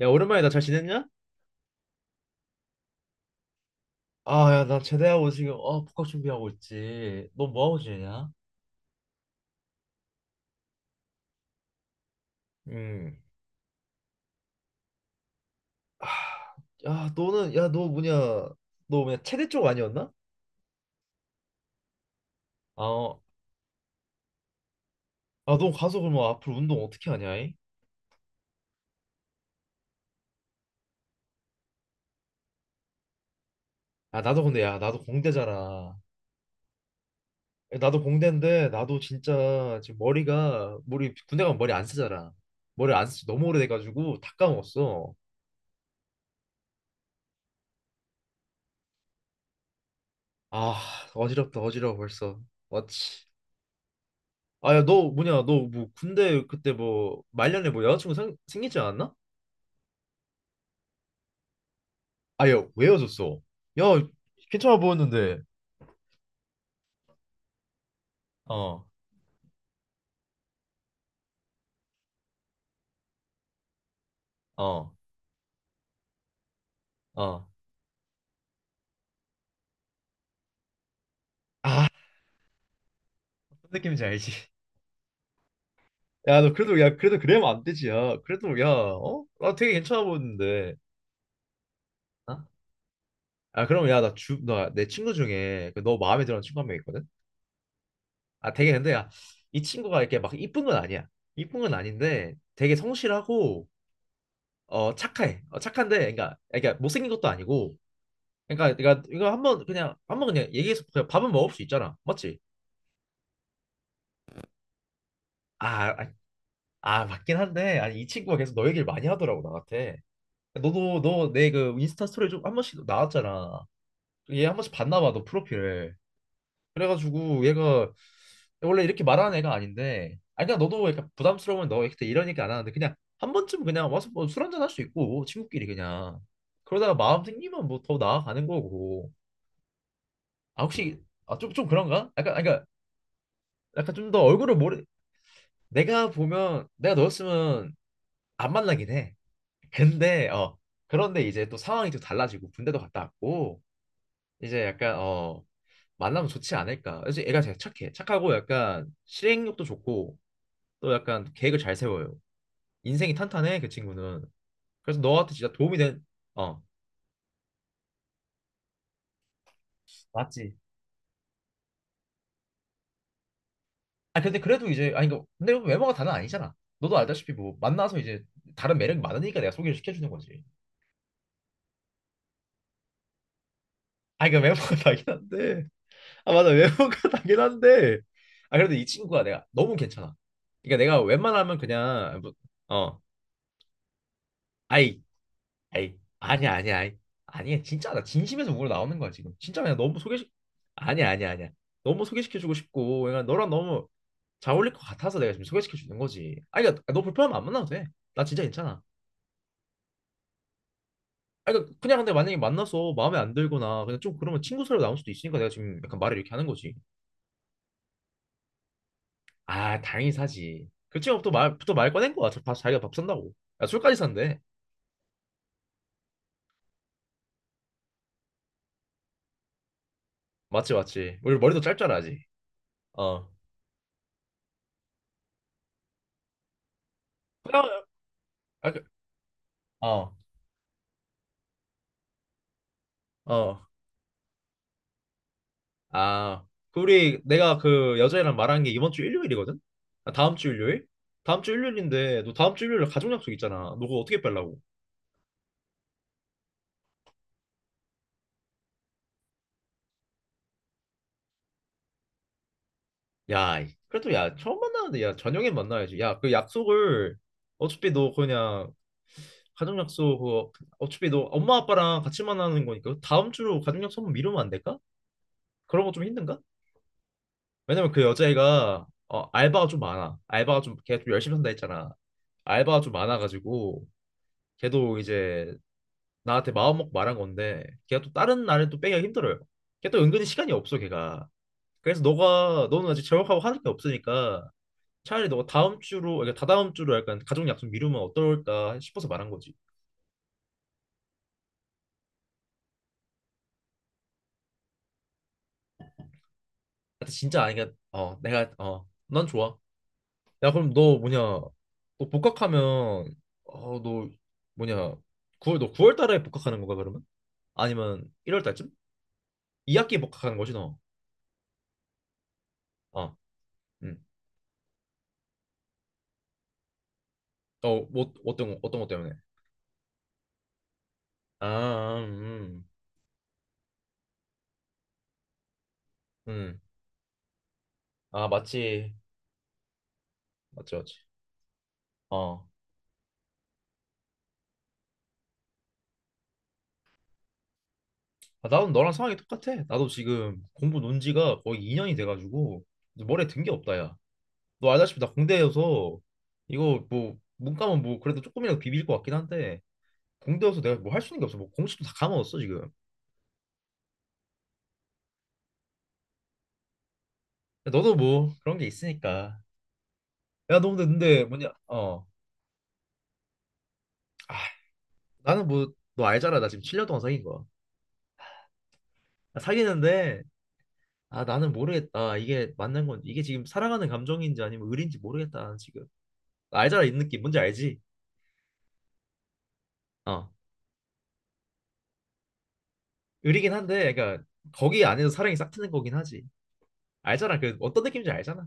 야, 오랜만이다. 잘 지냈냐? 아, 야, 나 제대하고 지금 복학 준비하고 있지. 너 뭐하고 지내냐? 음. 아, 야, 너는 야, 너 뭐냐? 너 뭐냐? 체대 쪽 아니었나? 아, 어. 아, 너 가서 그러면 앞으로 운동 어떻게 하냐? 이? 아, 나도 근데 야, 나도 공대잖아. 야, 나도 공대인데 나도 진짜 지금 머리 군대 가면 머리 안 쓰잖아. 머리 안 쓰지 너무 오래돼 가지고 다 까먹었어. 아, 어지럽다. 어지러워 벌써. 맞지. 아야 너 뭐냐 너 뭐 군대 그때 뭐 말년에 뭐 여자친구 생기지 않았나? 아야 왜 헤어졌어? 야 괜찮아 보였는데. 어. 어. 어. 아, 무슨 느낌인지 알지? 야 너 그래도 야 그래도 그래면 안 되지 야 그래도 야 어? 나 되게 괜찮아 보였는데. 어? 아 그럼 야나주나내 친구 중에 그 너 마음에 드는 친구 한 명 있거든? 아 되게 근데 야, 이 친구가 이렇게 막 이쁜 건 아니야. 이쁜 건 아닌데 되게 성실하고 어 착해 어 착한데 그러니까 못생긴 것도 아니고 그러니까 내가 이거 한번 그냥 얘기해서 그냥 밥은 먹을 수 있잖아. 맞지? 아, 아, 아, 맞긴 한데 아니 이 친구가 계속 너 얘기를 많이 하더라고 나한테. 너도 너 내 그 인스타 스토리 좀 한 번씩 나왔잖아. 얘 한 번씩 봤나 봐 너 프로필을. 그래가지고 얘가 원래 이렇게 말하는 애가 아닌데 아니 그냥 너도 약간 부담스러우면 너 그때 이러니까 안 하는데 그냥 한 번쯤 그냥 와서 뭐 술 한 잔 할 수 있고 친구끼리 그냥 그러다가 마음 생기면 뭐 더 나아가는 거고. 아 혹시. 아 좀 좀 그런가? 약간 아, 그러니까 약간 좀 더 얼굴을 모르. 내가 보면 내가 너였으면 안 만나긴 해. 근데 어, 그런데 이제 또 상황이 또 달라지고 군대도 갔다 왔고 이제 약간 어, 만나면 좋지 않을까. 그래서 애가 되게 착해. 착하고 약간 실행력도 좋고 또 약간 계획을 잘 세워요. 인생이 탄탄해 그 친구는. 그래서 너한테 진짜 도움이 된. 어. 맞지. 아 근데 그래도 이제 아니 그 근데 외모가 다는 아니잖아. 너도 알다시피 뭐 만나서 이제 다른 매력이 많으니까 내가 소개를 시켜주는 거지. 아니 그 외모가 다긴 한데 아 맞아 외모가 당연한데 아 그래도 이 친구가 내가 너무 괜찮아. 그러니까 내가 웬만하면 그냥 뭐, 어, 아이, 아이 아니야 아니야 아이 아니야 진짜 나 진심에서 우러 나오는 거야 지금 진짜 그냥 너무 소개시. 아니야 아니야 아니야, 너무 소개시켜주고 싶고 그냥 너랑 너무 잘 어울릴 것 같아서 내가 지금 소개시켜주는 거지. 아 그러니까 아, 너 불편하면 안 만나도 돼. 나 진짜 괜찮아. 아 그러니까 그냥 근데 만약에 만나서 마음에 안 들거나 그냥 좀 그러면 친구 사로 나올 수도 있으니까 내가 지금 약간 말을 이렇게 하는 거지. 아, 당연히 사지. 그 친구 또 말 꺼낸 거야. 저 밥, 자기가 밥 산다고. 야, 술까지 산대. 맞지, 맞지. 우리 머리도 짧잖아, 아직. 어. 그냥, 아, 그- 어, 어. 아, 그 우리, 내가 그 여자애랑 말한 게 이번 주 일요일이거든? 아, 다음 주 일요일? 다음 주 일요일인데, 너 다음 주 일요일에 가족 약속 있잖아. 너 그거 어떻게 빼려고? 야, 이- 그래도 야, 처음 만나는데, 야, 저녁엔 만나야지. 야, 그 약속을, 어차피 너 그냥, 가족 약속, 그거 어차피 너 엄마 아빠랑 같이 만나는 거니까 다음 주로 가족 약속 한번 미루면 안 될까? 그런 거 좀 힘든가? 왜냐면 그 여자애가 알바가 좀 많아. 알바가 좀 걔 좀 열심히 산다 했잖아. 알바가 좀 많아가지고 걔도 이제 나한테 마음 먹고 말한 건데 걔가 또 다른 날은 또 빼기가 힘들어요. 걔 또 은근히 시간이 없어 걔가. 그래서 너가 너는 아직 재work하고 하는 게 없으니까 차라리 너가 다음 주로 그러니까 다다음 주로 약간 가족 약속 미루면 어떨까 싶어서 말한 거지. 근데 진짜 아니가 어 내가 어넌 좋아. 야, 그럼 너 뭐냐? 너 복학하면 어, 너 뭐냐? 9월 너 9월 달에 복학하는 건가 그러면? 아니면 1월 달쯤? 2학기에 복학하는 거지 너. 아, 음. 어, 어떤 것 때문에? 아, 음. 음. 아, 맞지. 맞지, 맞지. 어. 아, 나도 너랑 상황이 똑같아. 나도 지금 공부 논 지가 거의 2년이 돼 가지고 머리에 든게 없다, 야. 너 알다시피 나 공대여서 이거 뭐 문과면 뭐 그래도 조금이라도 비빌 것 같긴 한데 공대여서 내가 뭐 할 수 있는 게 없어. 뭐 공식도 다 까먹었어 지금. 야, 너도 뭐 그런 게 있으니까. 야, 너 근데 뭐냐? 어. 아, 나는 뭐 너 알잖아. 나 지금 7년 동안 사귄 거야. 나 사귀는데 아 나는 모르겠다. 이게 맞는 건 이게 지금 사랑하는 감정인지 아니면 의리인지 모르겠다. 나는 지금 나 알잖아 이 느낌 뭔지 알지? 어. 의리긴 한데 그러니까 거기 안에서 사랑이 싹 트는 거긴 하지. 알잖아. 그 어떤 느낌인지 알잖아.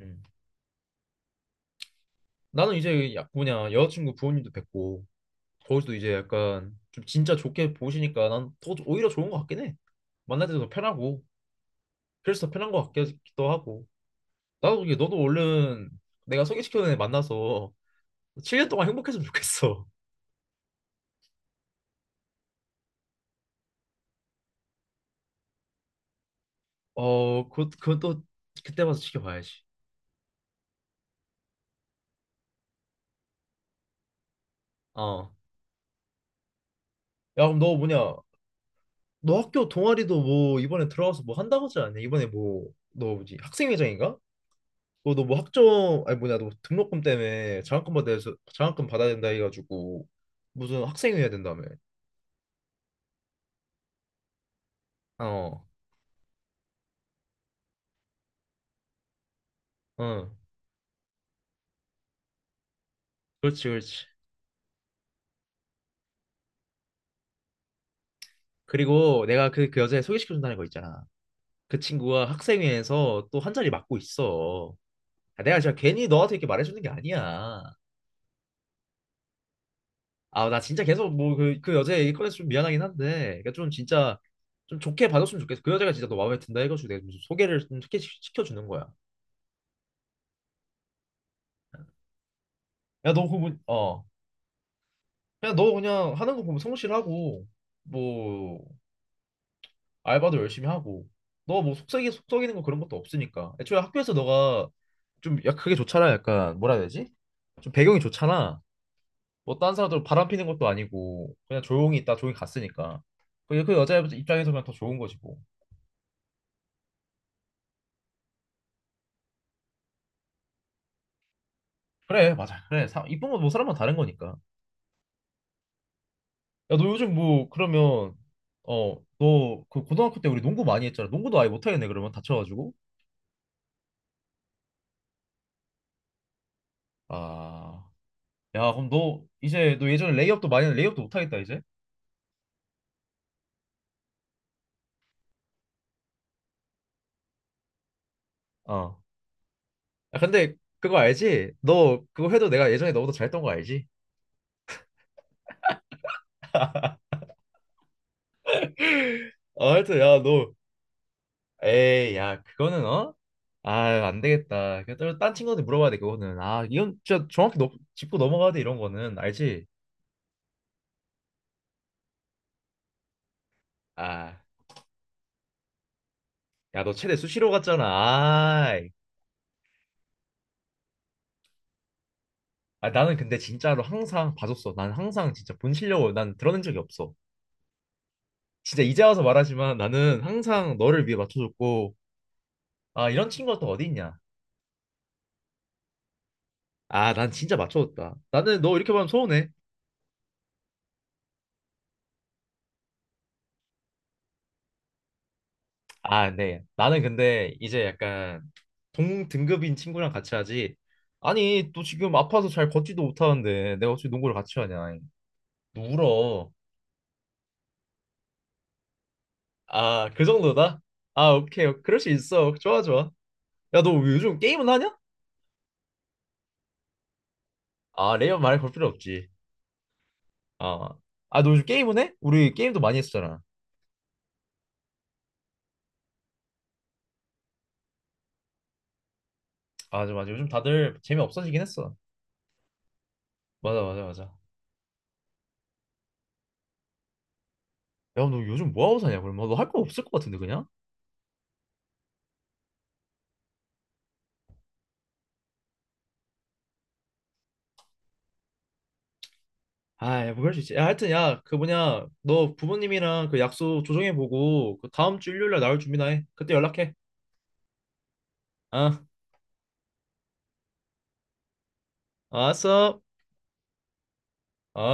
음. 나는 이제 야, 뭐냐 여자친구 부모님도 뵙고 거기서도 이제 약간 좀 진짜 좋게 보시니까 난 더 오히려 좋은 것 같긴 해. 만날 때도 더 편하고 그래서 더 편한 것 같기도 하고 나도 그게 너도 얼른 내가 소개시켜준 애 만나서 7년 동안 행복했으면 좋겠어. 어, 그건 또 그때 봐서 지켜봐야지. 어. 야, 그럼 너 뭐냐? 너 학교 동아리도 뭐 이번에 들어가서 뭐 한다고 하지 않냐? 이번에 뭐 너 뭐지? 학생회장인가? 너 뭐 학점 아니 뭐냐? 너 등록금 때문에 장학금 받아야 된다 해가지고 무슨 학생회 해야 된다며. 어, 어, 그렇지, 그렇지. 그리고 내가 그 여자애 소개시켜준다는 거 있잖아. 그 친구가 학생회에서 또 한 자리 맡고 있어. 아, 내가 진짜 괜히 너한테 이렇게 말해주는 게 아니야. 아, 나 진짜 계속 뭐 그 여자 얘기 꺼내서 좀 미안하긴 한데, 그러니까 좀 진짜 좀 좋게 받았으면 좋겠어. 그 여자가 진짜 너 마음에 든다 해가지고 내가 좀 소개를 좀 시켜주는 거야. 야, 너 그거, 어, 그냥 너 그냥 하는 거 보면 성실하고, 뭐, 알바도 열심히 하고 너 뭐 속썩이 속삭이는 거 그런 것도 없으니까 애초에 학교에서 너가 좀 야 그게 좋잖아 약간 뭐라 해야 되지 좀 배경이 좋잖아 뭐 딴 사람들 바람 피는 것도 아니고 그냥 조용히 있다 조용히 갔으니까 그게 그 여자 입장에서 그냥 더 좋은 거지 뭐. 그래 맞아 그래 사, 이쁜 건 뭐 사람마다 다른 거니까. 야 너 요즘 뭐 그러면. 어 너 그 고등학교 때 우리 농구 많이 했잖아. 농구도 아예 못하겠네 그러면 다쳐가지고. 아. 야 그럼 너 이제 너 예전에 레이업도 많이 했는데 레이업도 못하겠다 이제. 어. 아, 근데 그거 알지? 너 그거 해도 내가 예전에 너보다 잘했던 거 알지? 아, 하여튼 야, 너. 에이, 야, 그거는 어? 아, 안 되겠다. 그딴 딴 친구한테 물어봐야 돼, 그거는. 아, 이건 진짜 정확히 너, 짚고 넘어가야 돼, 이런 거는. 알지? 아, 야, 너 최대 수시로 갔잖아. 아이. 아, 나는 근데 진짜로 항상 봐줬어. 난 항상 진짜 본 실력을 난 드러낸 적이 없어. 진짜 이제 와서 말하지만 나는 항상 너를 위해 맞춰줬고, 아, 이런 친구가 또 어디 있냐? 아, 난 진짜 맞춰줬다. 나는 너 이렇게 보면 서운해. 아, 네. 나는 근데 이제 약간 동등급인 친구랑 같이 하지. 아니, 또 지금 아파서 잘 걷지도 못하는데 내가 어떻게 농구를 같이 하냐. 너 울어. 아, 그 정도다? 아, 오케이. 그럴 수 있어. 좋아, 좋아. 야, 너 요즘 게임은 하냐? 아, 레이업 말해 볼 필요 없지. 아, 아, 너 요즘 게임은 해? 우리 게임도 많이 했었잖아. 맞아, 맞아. 요즘 다들 재미 없어지긴 했어. 맞아, 맞아, 맞아. 야, 너 요즘 뭐 하고 사냐? 그러면 너 할 거 없을 것 같은데, 그냥? 아, 뭐 그럴 수 있지. 야, 하여튼 야, 그 뭐냐, 너 부모님이랑 그 약속 조정해 보고 그 다음 주 일요일 날 나올 준비나 해. 그때 연락해. 아, 알았어. 어.